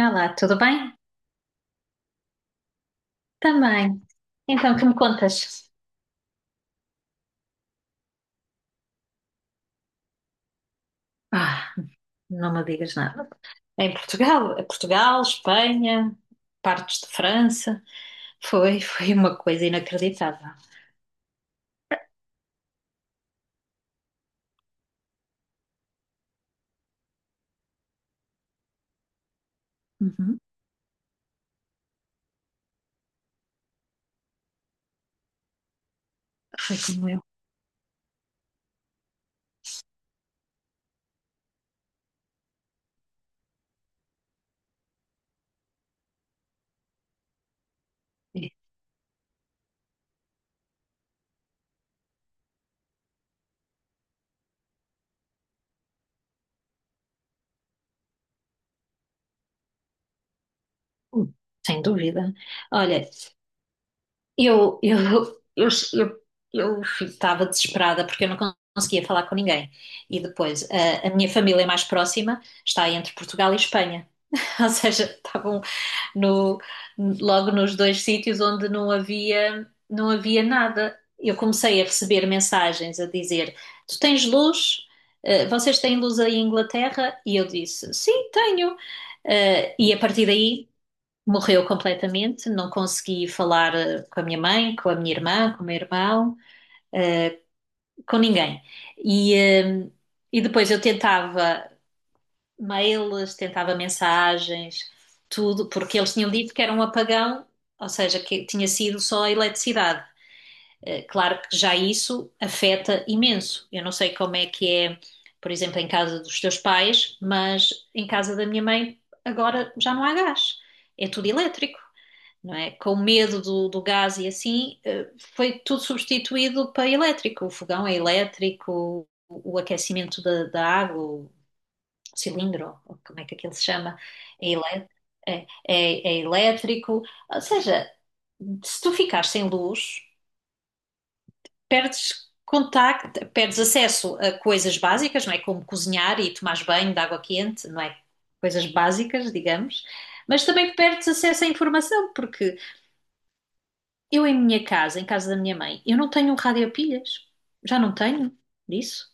Olá, tudo bem? Também. Então, que me contas? Ah, não me digas nada. Em Portugal, Portugal, Espanha, partes de França, foi, foi uma coisa inacreditável. Uhum. Foi como eu. É. Hum. Sem dúvida. Olha, eu eu eu eu estava desesperada porque eu não conseguia falar com ninguém. E depois, a minha família mais próxima está entre Portugal e Espanha. Ou seja, estavam no- logo nos dois sítios onde não havia nada. Eu comecei a receber mensagens a dizer: Tu tens luz? Vocês têm luz aí em Inglaterra? E eu disse: Sim, tenho. E a partir daí morreu completamente. Não consegui falar com a minha mãe, com a minha irmã, com o meu irmão, eh, com ninguém. E, eh, e depois eu tentava mails, tentava mensagens, tudo, porque eles tinham dito que era um apagão, ou seja, que tinha sido só a eletricidade. Claro que já isso afeta imenso. Eu não sei como é que é, por exemplo, em casa dos teus pais, mas em casa da minha mãe agora já não há gás, é tudo elétrico. Não é? Com medo do gás e assim, foi tudo substituído para elétrico. O fogão é elétrico, o aquecimento da água, cilindro, ou como é que aquilo se chama, é, elé- é elétrico. Ou seja, se tu ficares sem luz, perdes contacto, perdes acesso a coisas básicas, não é? Como cozinhar e tomar banho de água quente, não é? Coisas básicas, digamos. Mas também perdes acesso à informação, porque eu em minha casa, em casa da minha mãe, eu não tenho um rádio a pilhas. Já não tenho disso.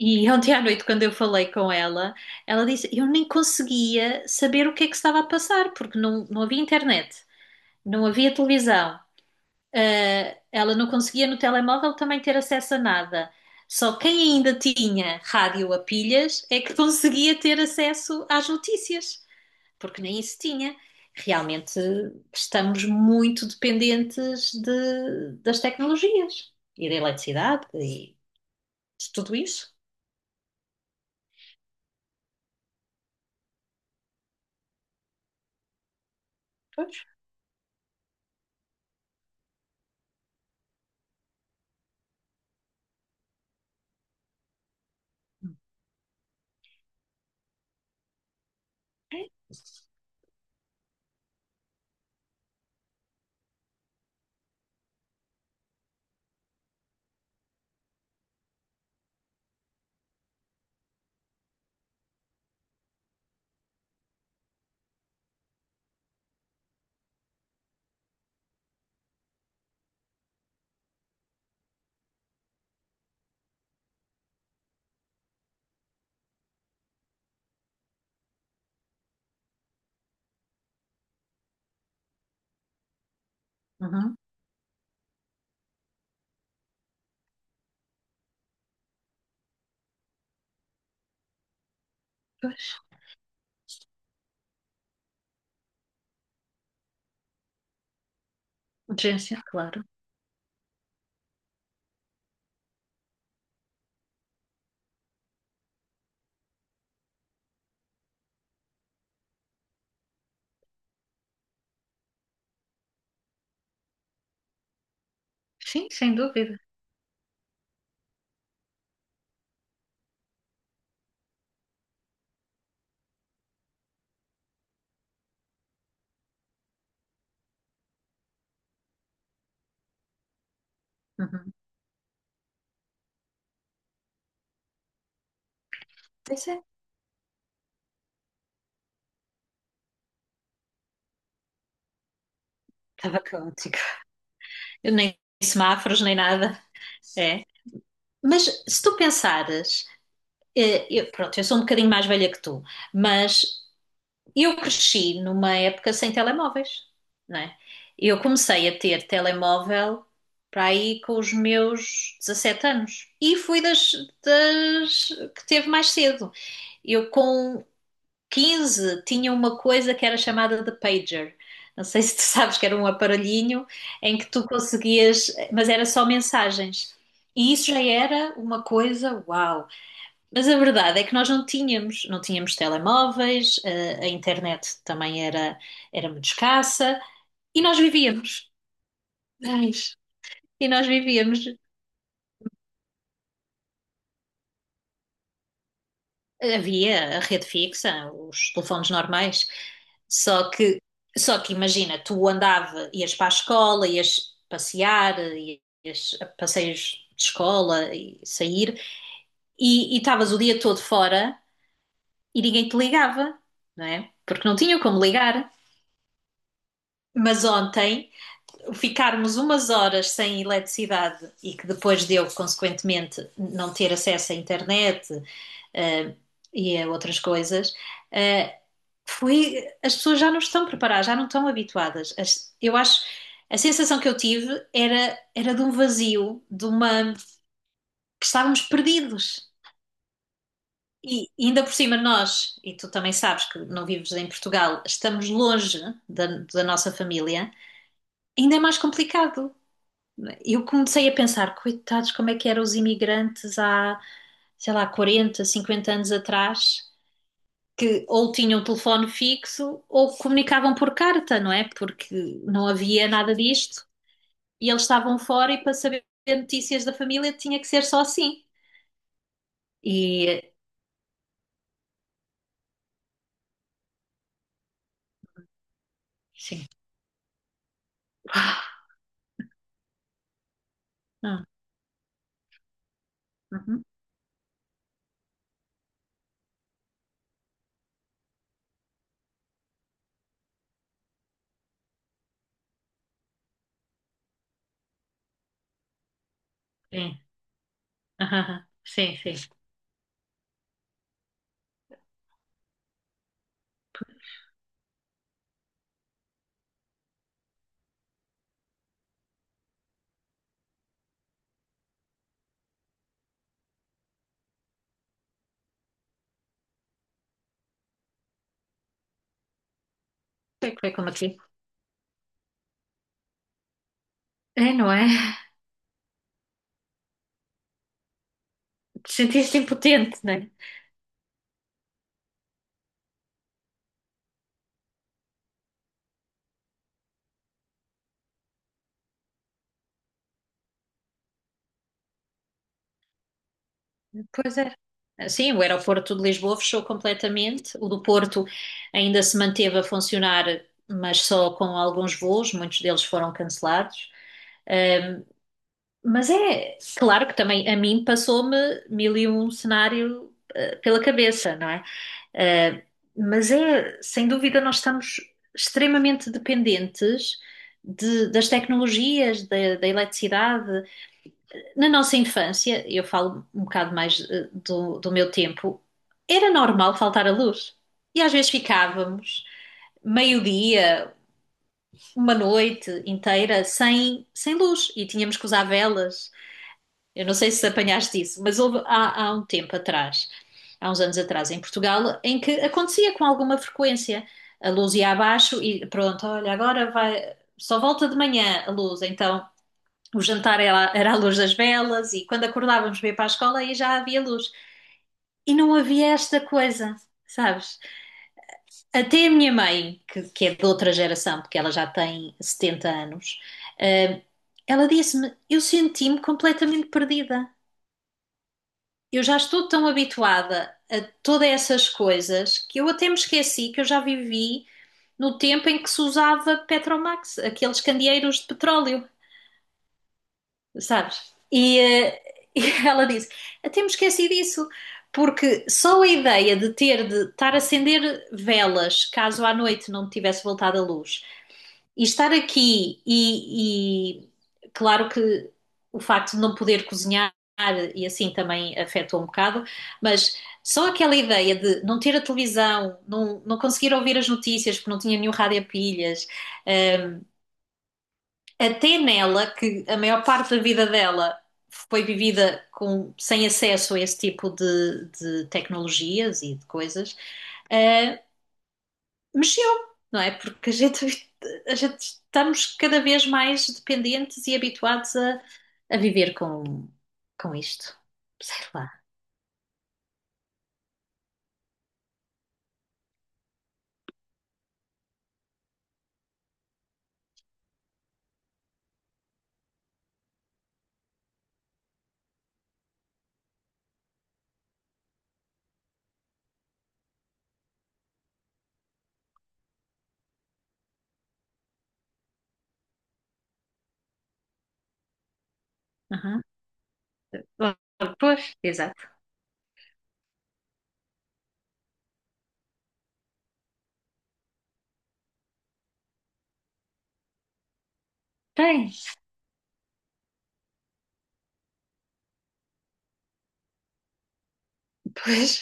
E ontem à noite, quando eu falei com ela, ela disse: Eu nem conseguia saber o que é que estava a passar, porque não havia internet, não havia televisão, ela não conseguia no telemóvel também ter acesso a nada. Só quem ainda tinha rádio a pilhas é que conseguia ter acesso às notícias, porque nem isso tinha. Realmente estamos muito dependentes das tecnologias e da eletricidade e de tudo isso. Pois. Uhum. Pois, urgência, claro. Sim, sem dúvida. Uhum. Pois é, estava caótico. Eu nem semáforos, nem nada. É. Mas se tu pensares, pronto, eu sou um bocadinho mais velha que tu, mas eu cresci numa época sem telemóveis, não é? Eu comecei a ter telemóvel para aí com os meus 17 anos e fui das que teve mais cedo. Eu com 15 tinha uma coisa que era chamada de pager. Não sei se tu sabes que era um aparelhinho em que tu conseguias, mas era só mensagens. E isso já era uma coisa, uau! Mas a verdade é que nós não tínhamos telemóveis, a internet também era muito escassa e nós vivíamos. Mas- E nós vivíamos. Havia a rede fixa, os telefones normais, só que, só que imagina, tu andava, ias para a escola, ias passear, ias a passeios de escola e sair, e estavas o dia todo fora e ninguém te ligava, não é? Porque não tinham como ligar. Mas ontem, ficarmos umas horas sem eletricidade e que depois deu, consequentemente, não ter acesso à internet, eh, e a outras coisas, eh, foi, as pessoas já não estão preparadas, já não estão habituadas. Eu acho, a sensação que eu tive era de um vazio, de uma, que estávamos perdidos. E ainda por cima nós, e tu também sabes que não vives em Portugal, estamos longe da, da nossa família, ainda é mais complicado. Eu comecei a pensar, coitados, como é que eram os imigrantes há, sei lá, 40, 50 anos atrás? Que ou tinham o telefone fixo ou comunicavam por carta, não é? Porque não havia nada disto e eles estavam fora e para saber notícias da família tinha que ser só assim. E sim. Ah, uhum. Sim. Ah, sim, sim. Foi como aqui. É, não é? Te sentiste impotente, não é? Pois é. Sim, o aeroporto de Lisboa fechou completamente. O do Porto ainda se manteve a funcionar, mas só com alguns voos, muitos deles foram cancelados. Mas é claro que também a mim passou-me mil e um cenário pela cabeça, não é? Eh, mas é, sem dúvida, nós estamos extremamente dependentes das tecnologias, da eletricidade. Na nossa infância, eu falo um bocado mais do meu tempo, era normal faltar a luz. E às vezes ficávamos meio-dia, uma noite inteira sem luz e tínhamos que usar velas. Eu não sei se apanhaste isso, mas houve há um tempo atrás, há uns anos atrás, em Portugal, em que acontecia com alguma frequência. A luz ia abaixo e pronto, olha, agora vai, só volta de manhã a luz. Então o jantar era a luz das velas e quando acordávamos para ir para a escola aí já havia luz. E não havia esta coisa, sabes? Até a minha mãe, que é de outra geração, porque ela já tem 70 anos, eh, ela disse-me: Eu senti-me completamente perdida. Eu já estou tão habituada a todas essas coisas que eu até me esqueci que eu já vivi no tempo em que se usava Petromax, aqueles candeeiros de petróleo, sabes? E ela disse: Até me esqueci disso, porque só a ideia de ter de estar a acender velas caso à noite não tivesse voltado a luz. E estar aqui e claro que o facto de não poder cozinhar e assim também afetou um bocado, mas só aquela ideia de não ter a televisão, não conseguir ouvir as notícias porque não tinha nenhum rádio a pilhas, até nela, que a maior parte da vida dela foi vivida com, sem acesso a esse tipo de tecnologias e de coisas. eh, Mexeu, não é? Porque a gente estamos cada vez mais dependentes e habituados a viver com isto. Sei lá. Aham. Pois, exato. Tens, pois,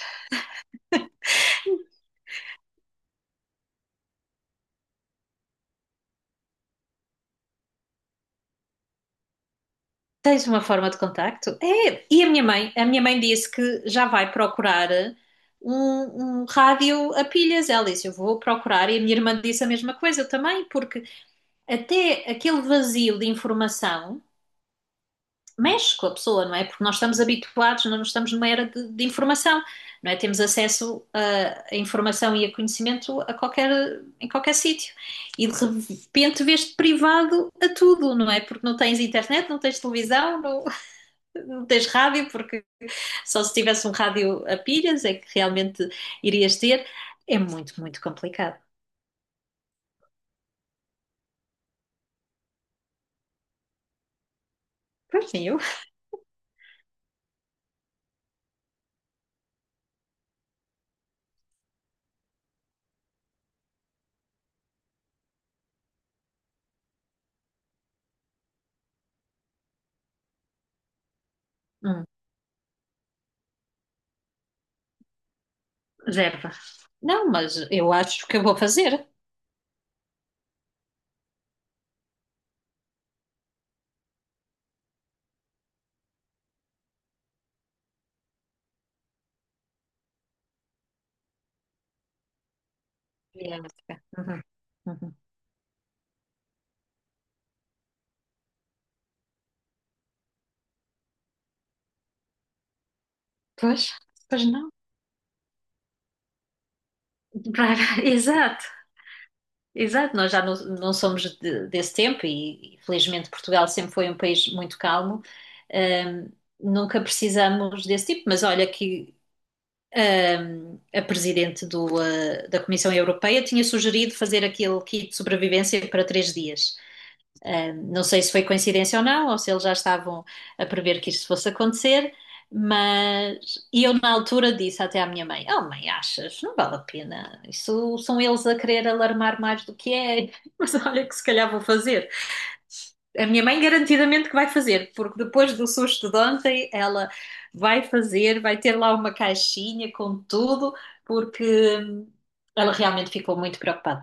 tens uma forma de contacto. É, e a minha mãe disse que já vai procurar um rádio a pilhas. Ela disse, eu vou procurar, e a minha irmã disse a mesma coisa também, porque até aquele vazio de informação mexe com a pessoa, não é? Porque nós estamos habituados, nós estamos numa era de informação, não é? Temos acesso a informação e a conhecimento a qualquer, em qualquer sítio. E de repente vês-te privado a tudo, não é? Porque não tens internet, não tens televisão, não tens rádio, porque só se tivesse um rádio a pilhas é que realmente irias ter. É muito, muito complicado. Pois sim, eu. Hum, verba. Não, mas eu acho que eu vou fazer. Yeah. Uhum, uhum. Pois, pois não. Exato, exato. Nós já não somos desse tempo e, felizmente, Portugal sempre foi um país muito calmo. Ahm, Nunca precisamos desse tipo, mas olha que a presidente da Comissão Europeia tinha sugerido fazer aquele kit de sobrevivência para 3 dias. Não sei se foi coincidência ou não, ou se eles já estavam a prever que isto fosse acontecer, mas e eu na altura disse até à minha mãe: Oh, mãe, achas? Não vale a pena. Isso são eles a querer alarmar mais do que é. Mas olha que se calhar vou fazer. A minha mãe garantidamente que vai fazer, porque depois do susto de ontem, ela vai fazer, vai ter lá uma caixinha com tudo, porque ela realmente ficou muito preocupada.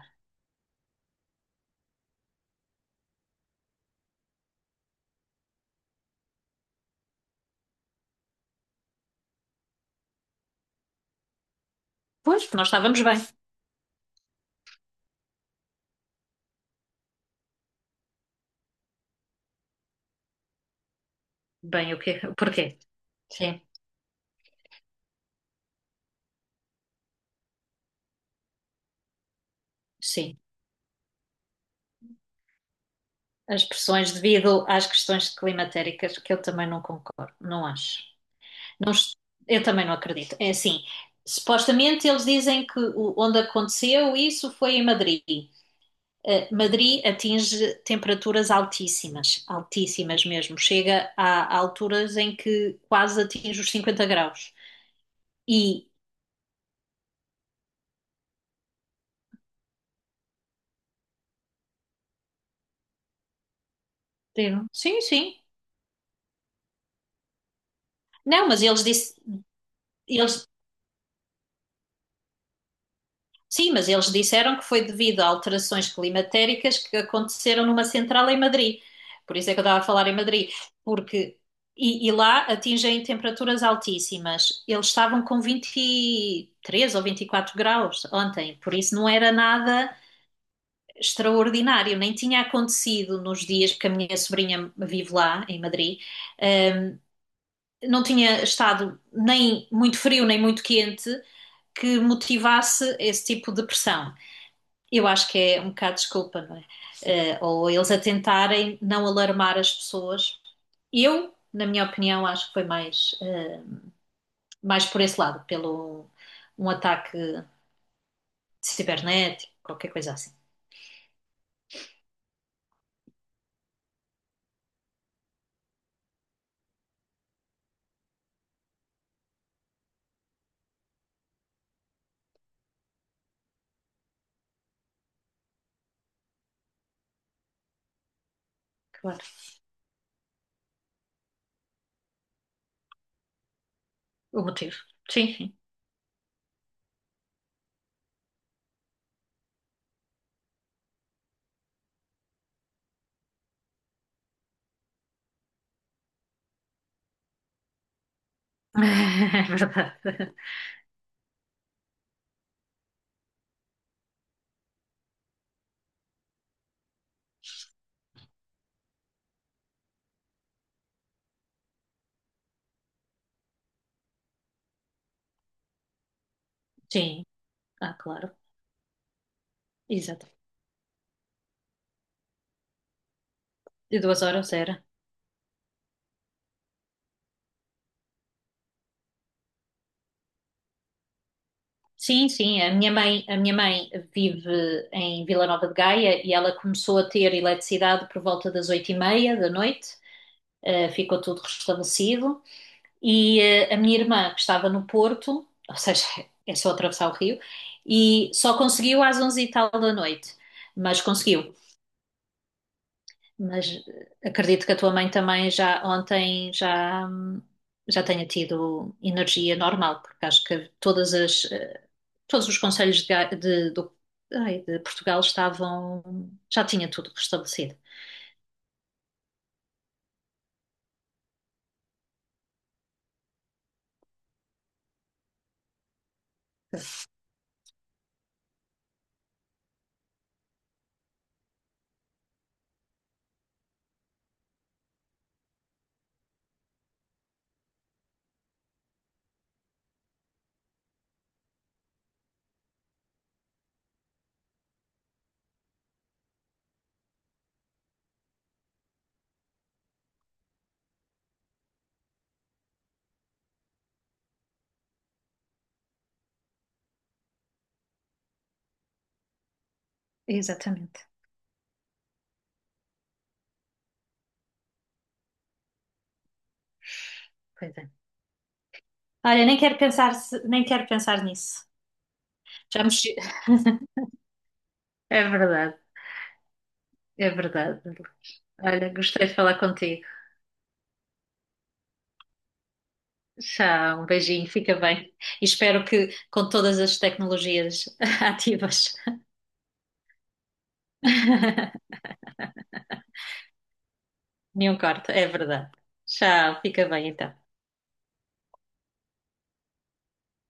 Pois, nós estávamos bem. Bem, o quê? Porquê? Sim, sim. As pressões devido às questões climatéricas, que eu também não concordo, não acho. Não, eu também não acredito. É assim, supostamente eles dizem que onde aconteceu isso foi em Madrid. Madrid atinge temperaturas altíssimas, altíssimas mesmo. Chega a alturas em que quase atinge os 50 graus. E, sim, sim. Não, mas eles, disse, eles. Sim, mas eles disseram que foi devido a alterações climatéricas que aconteceram numa central em Madrid. Por isso é que eu estava a falar em Madrid, porque e lá atingem temperaturas altíssimas. Eles estavam com 23 ou 24 graus ontem, por isso não era nada extraordinário, nem tinha acontecido nos dias, porque a minha sobrinha vive lá em Madrid, hum, não tinha estado nem muito frio nem muito quente que motivasse esse tipo de pressão. Eu acho que é um bocado desculpa, não é? Ou eles a tentarem não alarmar as pessoas. Eu, na minha opinião, acho que foi mais, por esse lado, pelo um ataque cibernético, qualquer coisa assim. Claro. O motivo. Sim, sim. É verdade. Sim. Ah, claro. Exato. De 2 horas era. Sim, sim. A minha mãe vive em Vila Nova de Gaia e ela começou a ter eletricidade por volta das 8h30 da noite. Ficou tudo restabelecido. E a minha irmã, que estava no Porto, ou seja, é só atravessar o rio, e só conseguiu às 11 e tal da noite, mas conseguiu. Mas acredito que a tua mãe também já ontem já tenha tido energia normal, porque acho que todos os conselhos de, Ga- de- do, ai, de Portugal estavam, já tinha tudo restabelecido. Exatamente, pois é. Olha, nem quero pensar, nem quero pensar nisso. Já mexi. É verdade, é verdade. Olha, gostei de falar contigo. Tchau, um beijinho, fica bem. E espero que com todas as tecnologias ativas, nenhum corte, é verdade. Tchau, fica bem então.